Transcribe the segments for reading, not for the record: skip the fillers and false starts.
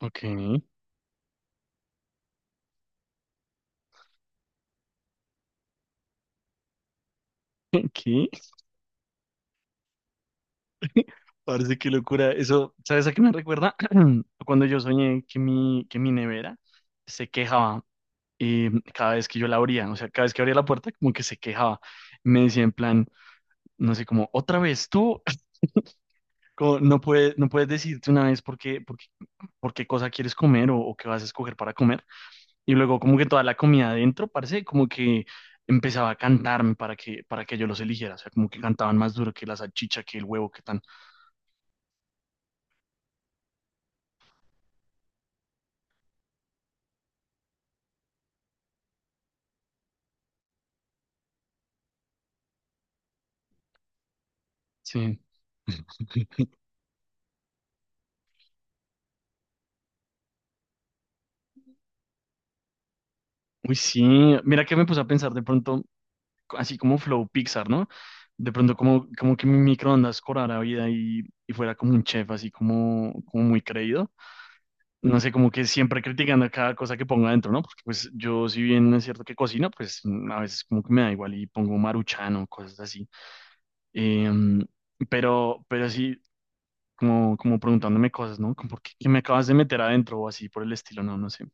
Ok, ¿qué? Parece que locura. Eso, ¿sabes a qué me recuerda? Cuando yo soñé que mi nevera se quejaba cada vez que yo la abría, o sea, cada vez que abría la puerta como que se quejaba. Me decía en plan, no sé, como, otra vez tú, como, no puedes decirte una vez por qué cosa quieres comer o qué vas a escoger para comer. Y luego como que toda la comida adentro, parece como que empezaba a cantarme para que yo los eligiera, o sea, como que cantaban más duro que la salchicha, que el huevo, que tan. Sí. Uy, sí. Mira que me puse a pensar de pronto, así como Flow Pixar, ¿no? De pronto como, como que mi microondas cobrara vida y fuera como un chef, así como, como muy creído. No sé, como que siempre criticando a cada cosa que ponga adentro, ¿no? Porque pues yo, si bien es cierto que cocino, pues a veces como que me da igual y pongo Maruchan o cosas así. Em, pero sí, como, como preguntándome cosas, ¿no? Como, ¿por qué, qué me acabas de meter adentro o así por el estilo? No, no sé.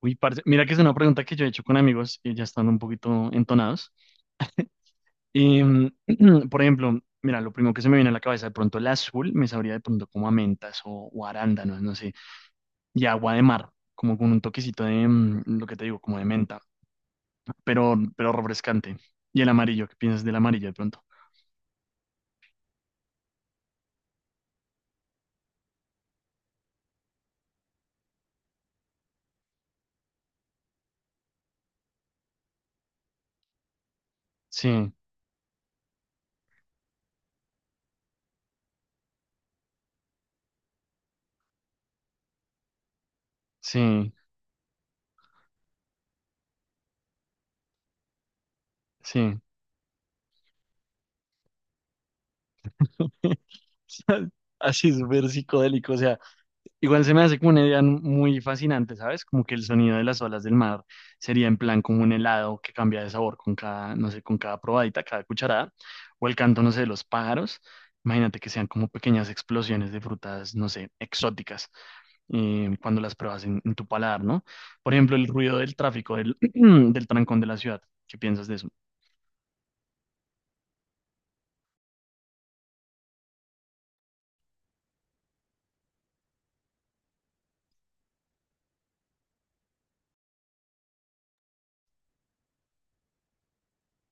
Uy, parce, mira que es una pregunta que yo he hecho con amigos y ya están un poquito entonados. Y, por ejemplo, mira, lo primero que se me viene a la cabeza, de pronto el azul me sabría de pronto como a mentas o arándanos, no sé, y agua de mar, como con un toquecito de, lo que te digo, como de menta, pero refrescante. Y el amarillo, ¿qué piensas del amarillo de pronto? Sí, sí, sí. Así súper psicodélico, o sea. Igual se me hace como una idea muy fascinante, ¿sabes? Como que el sonido de las olas del mar sería en plan como un helado que cambia de sabor con cada, no sé, con cada probadita, cada cucharada, o el canto, no sé, de los pájaros. Imagínate que sean como pequeñas explosiones de frutas, no sé, exóticas, cuando las pruebas en tu paladar, ¿no? Por ejemplo, el ruido del tráfico, del, del trancón de la ciudad. ¿Qué piensas de eso?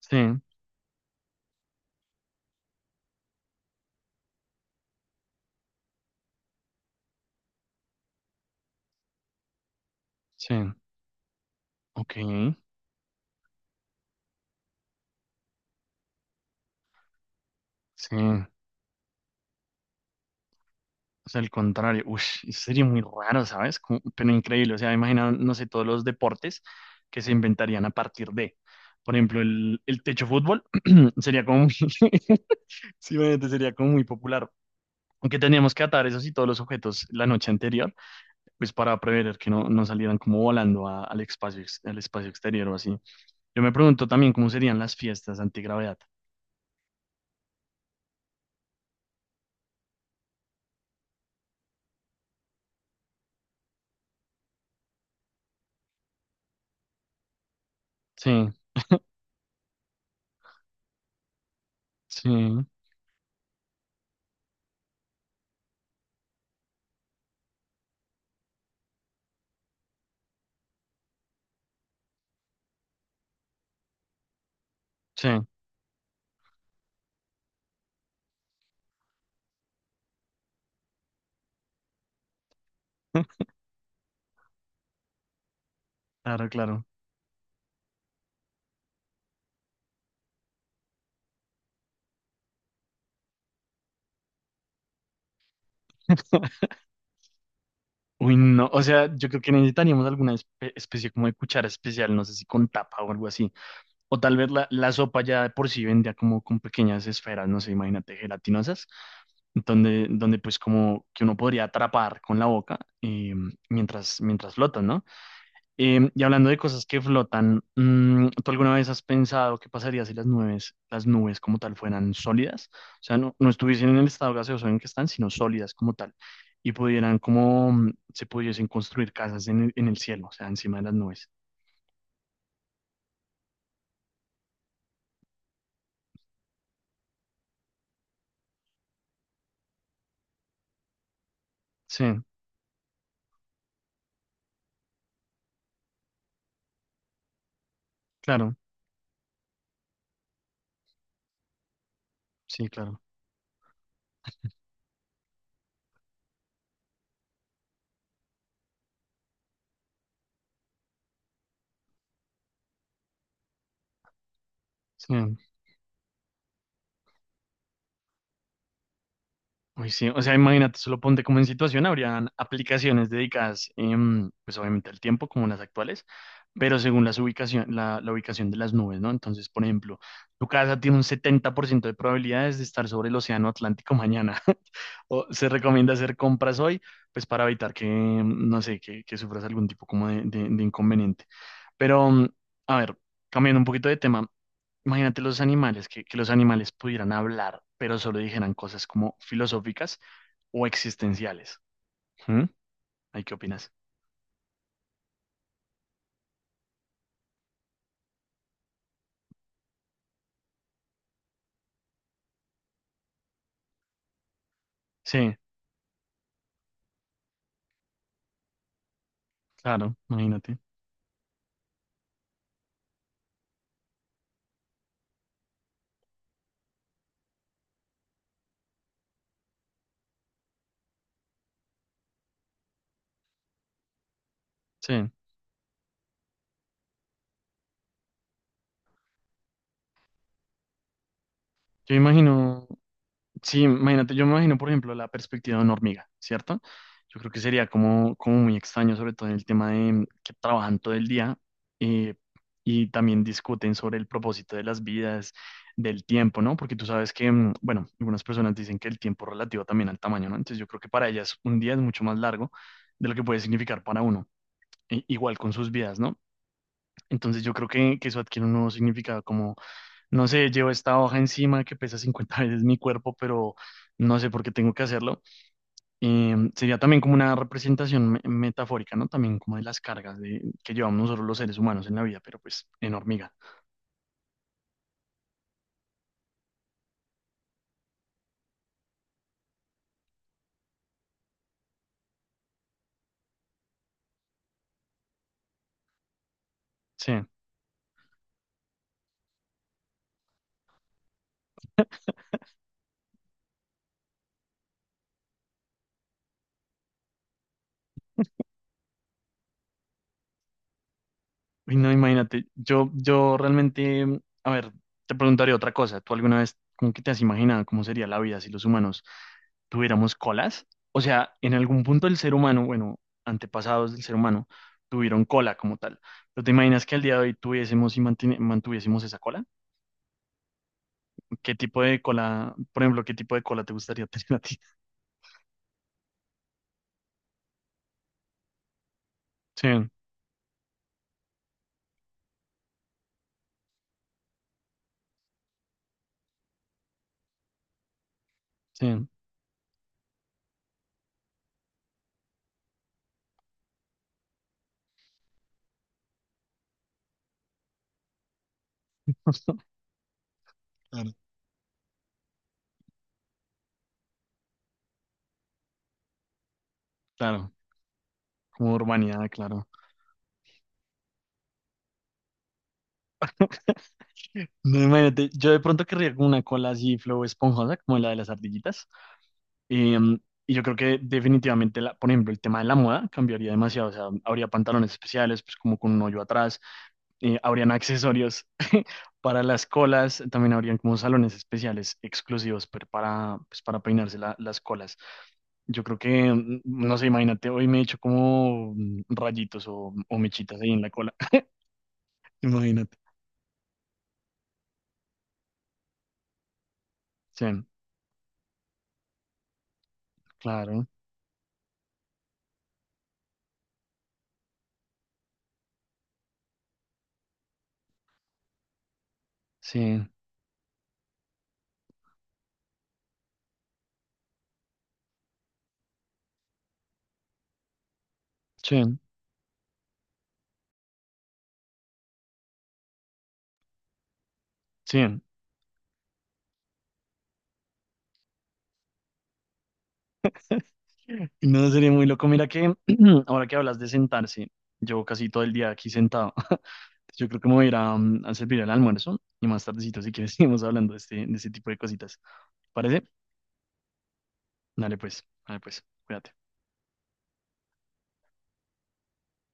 Sí, sí, ok, sí. O sea, al contrario, ush, eso sería muy raro, ¿sabes? Como- pero increíble, o sea, imagina, no sé, todos los deportes que se inventarían a partir de, por ejemplo, el techo fútbol sería como muy, sí, obviamente sería como muy popular, aunque teníamos que atar esos y todos los objetos la noche anterior, pues para prever que no, no salieran como volando a- al espacio, ex- al espacio exterior o así. Yo me pregunto también cómo serían las fiestas antigravedad. Sí, sí, sí, claro, claro. Uy, no, o sea, yo creo que necesitaríamos alguna espe- especie como de cuchara especial, no sé si con tapa o algo así. O tal vez la sopa ya de por sí vendía como con pequeñas esferas, no sé, imagínate, gelatinosas, donde pues como que uno podría atrapar con la boca mientras flotas, ¿no? Em, y hablando de cosas que flotan, ¿tú alguna vez has pensado qué pasaría si las nubes como tal fueran sólidas? O sea, no, no estuviesen en el estado gaseoso en que están, sino sólidas como tal, y pudieran como se pudiesen construir casas en el cielo, o sea, encima de las nubes. Sí, claro, sí, claro. Sí. Uy, sí, o sea, imagínate, solo ponte como en situación, habrían aplicaciones dedicadas, pues obviamente al tiempo, como las actuales, pero según las ubicación, la ubicación de las nubes, ¿no? Entonces, por ejemplo, tu casa tiene un 70% de probabilidades de estar sobre el océano Atlántico mañana, o se recomienda hacer compras hoy, pues para evitar que, no sé, que sufras algún tipo como de inconveniente. Pero, a ver, cambiando un poquito de tema, imagínate los animales, que los animales pudieran hablar, pero solo dijeran cosas como filosóficas o existenciales. ¿Mm? ¿Ay, qué opinas? Sí, claro, imagínate. Sí, yo imagino, sí, imagínate, yo me imagino, por ejemplo, la perspectiva de una hormiga, ¿cierto? Yo creo que sería como, como muy extraño, sobre todo en el tema de que trabajan todo el día eh, y también discuten sobre el propósito de las vidas, del tiempo, ¿no? Porque tú sabes que, bueno, algunas personas dicen que el tiempo es relativo también al tamaño, ¿no? Entonces yo creo que para ellas un día es mucho más largo de lo que puede significar para uno, e- igual con sus vidas, ¿no? Entonces yo creo que eso adquiere un nuevo significado como no sé, llevo esta hoja encima que pesa 50 veces mi cuerpo, pero no sé por qué tengo que hacerlo. Sería también como una representación me- metafórica, ¿no? También como de las cargas de, que llevamos nosotros los seres humanos en la vida, pero pues en hormiga. Sí. Uy, no, imagínate. Yo realmente, a ver, te preguntaría otra cosa. ¿Tú alguna vez, cómo que te has imaginado cómo sería la vida si los humanos tuviéramos colas? O sea, en algún punto el ser humano, bueno, antepasados del ser humano, tuvieron cola como tal. Pero ¿te imaginas que al día de hoy tuviésemos y mantine- mantuviésemos esa cola? ¿Qué tipo de cola, por ejemplo, qué tipo de cola te gustaría tener a ti? Sí, sí. Claro, claro. Como urbanidad, claro. No, imagínate, yo de pronto querría como una cola así flow esponjosa, como la de las ardillitas. Eh, y yo creo que definitivamente, la, por ejemplo, el tema de la moda cambiaría demasiado. O sea, habría pantalones especiales, pues como con un hoyo atrás, habrían accesorios para las colas, también habrían como salones especiales exclusivos per- para, pues, para peinarse la- las colas. Yo creo que, no sé, imagínate, hoy me he hecho como rayitos o mechitas ahí en la cola. Imagínate. Sí, claro, sí, sí, sí. No sería muy loco. Mira que ahora que hablas de sentarse, llevo casi todo el día aquí sentado. Yo creo que me voy a ir a, a servir el almuerzo y más tardecito, si quieres, seguimos hablando de este tipo de cositas. ¿Parece? Dale pues, cuídate.